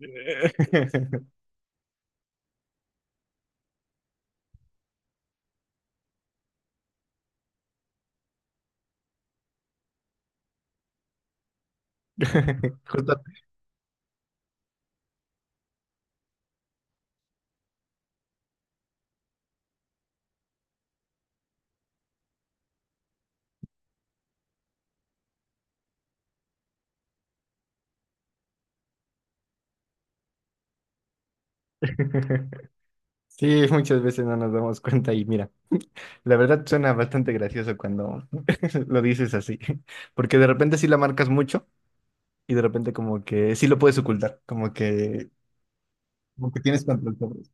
Justo- Sí, muchas veces no nos damos cuenta y mira, la verdad suena bastante gracioso cuando lo dices así, porque de repente sí la marcas mucho y de repente como que sí lo puedes ocultar, como que tienes control sobre eso.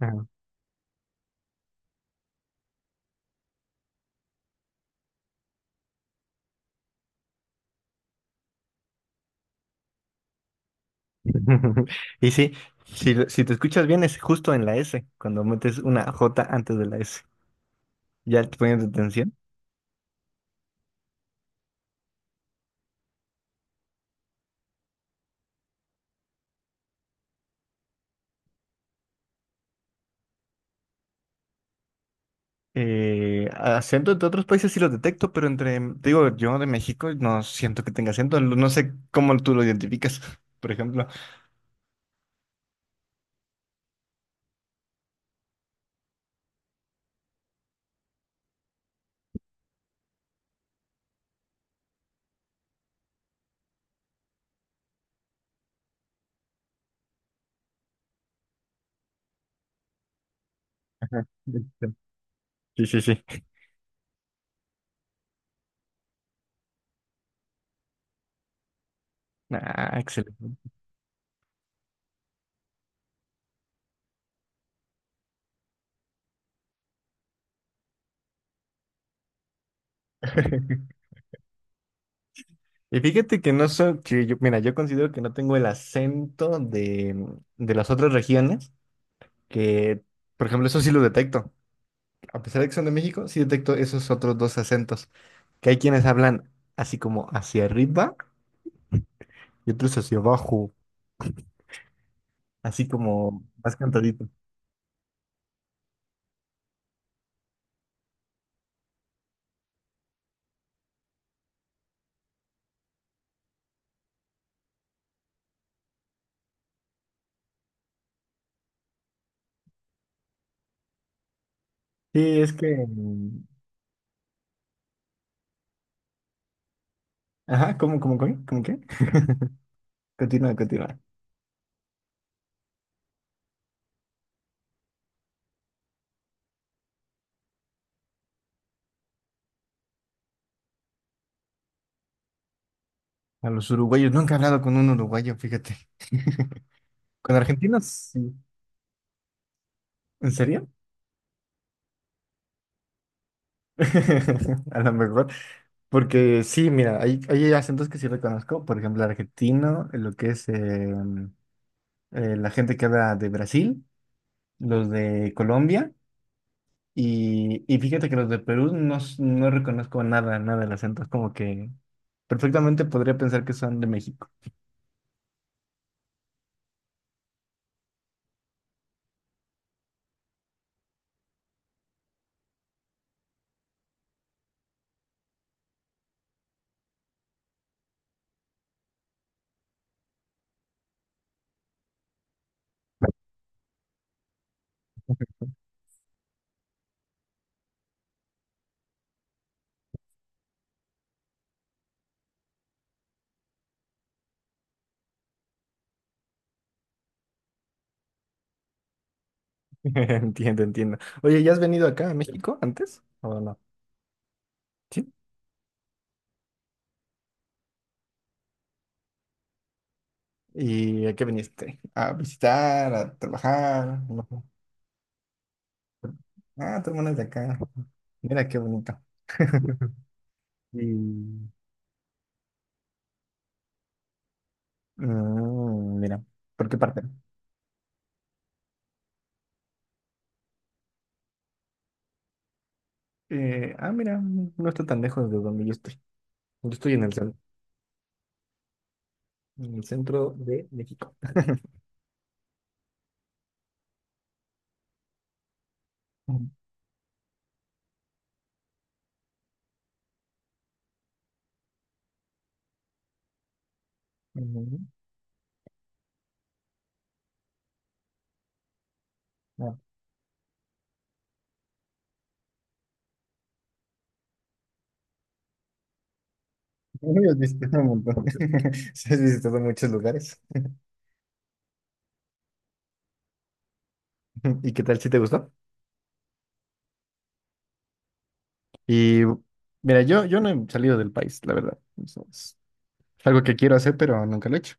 Ajá. Y sí, si, lo- si te escuchas bien es justo en la S, cuando metes una J antes de la S, ya te poniendo atención. Acento entre otros países sí lo detecto, pero entre, te digo, yo de México no siento que tenga acento, no sé cómo tú lo identificas, por ejemplo. Sí, sí, sí. Ah, excelente. Y fíjate que no soy, que yo, mira, yo considero que no tengo el acento de las otras regiones, que, por ejemplo, eso sí lo detecto. A pesar de que son de México, sí detecto esos otros dos acentos, que hay quienes hablan así como hacia arriba y otros hacia abajo, así como más cantadito. Sí, es que... Ajá, ¿cómo, cómo, cómo, cómo qué? Continúa, continúa. A los uruguayos, nunca he hablado con un uruguayo, fíjate. Con argentinos, sí. ¿En serio? A lo mejor. Porque sí, mira, hay acentos que sí reconozco. Por ejemplo, el argentino, lo que es la gente que habla de Brasil, los de Colombia. Y fíjate que los de Perú no, s- no reconozco nada, nada del acento. Es como que perfectamente podría pensar que son de México. Entiendo, entiendo. Oye, ¿ya has venido acá a México antes? ¿O no? Sí. ¿Y a qué viniste? ¿A visitar, a trabajar? No. Ah, tu hermana es de acá. Mira qué bonito. Y... mira, ¿por qué parte? Ah, mira, no está tan lejos de donde yo estoy. Yo estoy en el, cen- en el centro de México. Mm, mm, ah, has visitado un montón. Sí, has visitado muchos lugares. ¿Y qué tal si te gustó? Y mira, yo, no he salido del país, la verdad. Eso es algo que quiero hacer, pero nunca lo he hecho.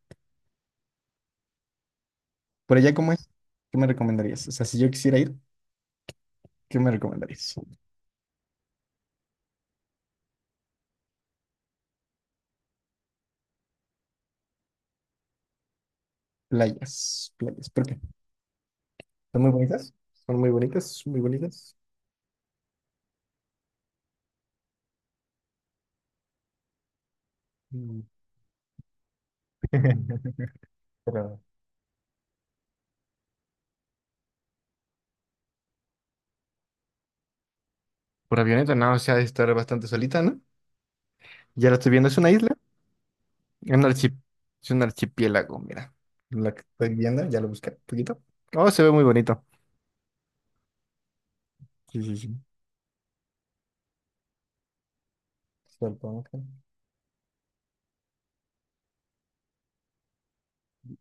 Por allá, ¿cómo es? ¿Qué me recomendarías? O sea, si yo quisiera ir, ¿qué me recomendarías? Playas, playas. ¿Por qué? ¿Son muy bonitas? ¿Son muy bonitas? ¿Muy bonitas? Mm. Pero por avioneta, no, o sea, ha de estar bastante solita, ¿no? Ya la estoy viendo, es una isla, un archi- es un archipiélago, mira. La que estoy viendo, ya lo busqué un poquito. Oh, se ve muy bonito. Sí, sí, sí. Supongo.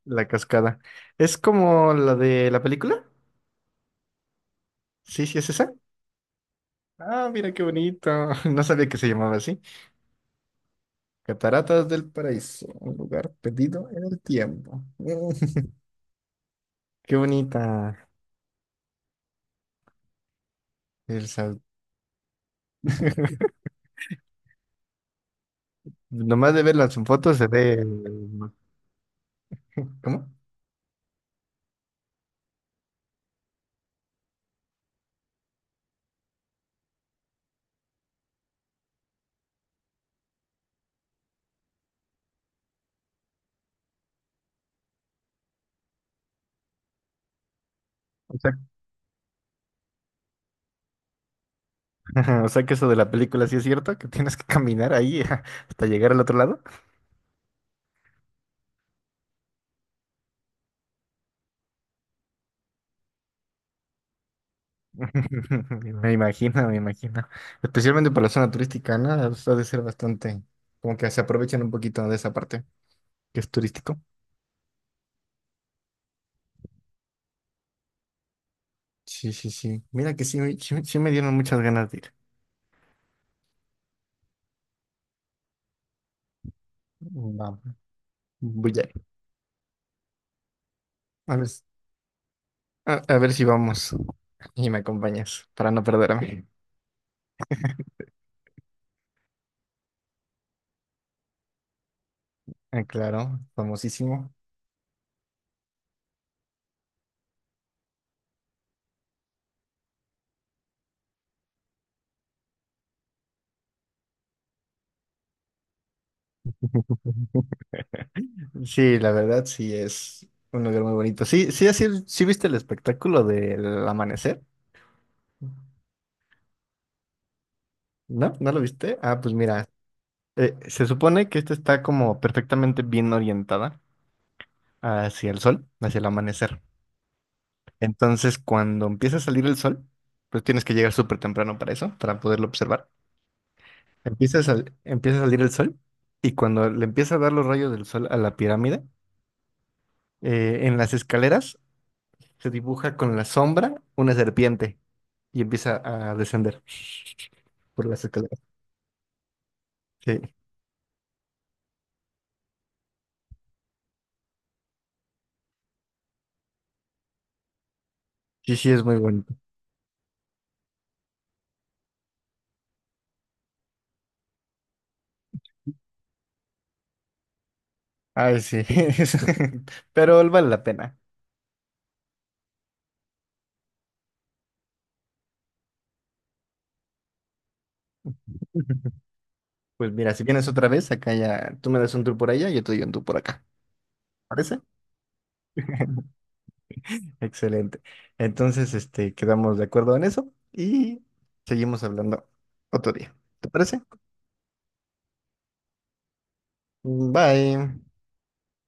La cascada. ¿Es como la de la película? Sí, sí, es esa. Ah, mira qué bonito. No sabía que se llamaba así. Cataratas del Paraíso, un lugar perdido en el tiempo. Mm, qué bonita. El sal- Nomás de verlas en fotos se ve... ¿Cómo? O sea, o sea que eso de la película sí es cierto, que tienes que caminar ahí hasta llegar al otro lado. Me imagino, me imagino. Especialmente para la zona turística, ¿no? O ha de ser bastante, como que se aprovechan un poquito de esa parte que es turístico. Sí, sí, sí. Mira que sí, me- sí, sí me dieron muchas ganas de ir. Vamos, voy a ir. A ver, s- a ver si vamos y me acompañas para no perderme. Ah, claro, famosísimo. Sí, la verdad, sí es un lugar muy bonito. Sí, sí, así, sí viste el espectáculo del amanecer. ¿No? ¿No lo viste? Ah, pues mira, se supone que esta está como perfectamente bien orientada hacia el sol, hacia el amanecer. Entonces, cuando empieza a salir el sol, pues tienes que llegar súper temprano para eso, para poderlo observar. Empieza a, sal- empieza a salir el sol y cuando le empieza a dar los rayos del sol a la pirámide, en las escaleras se dibuja con la sombra una serpiente y empieza a descender por las escaleras. Sí, sí, sí, es muy bonito. Ay, sí, es- pero vale la pena. Pues mira, si vienes otra vez, acá ya tú me das un tour por allá y yo te doy un tour por acá. ¿Parece? Excelente. Entonces, este, quedamos de acuerdo en eso y seguimos hablando otro día. ¿Te parece? Bye.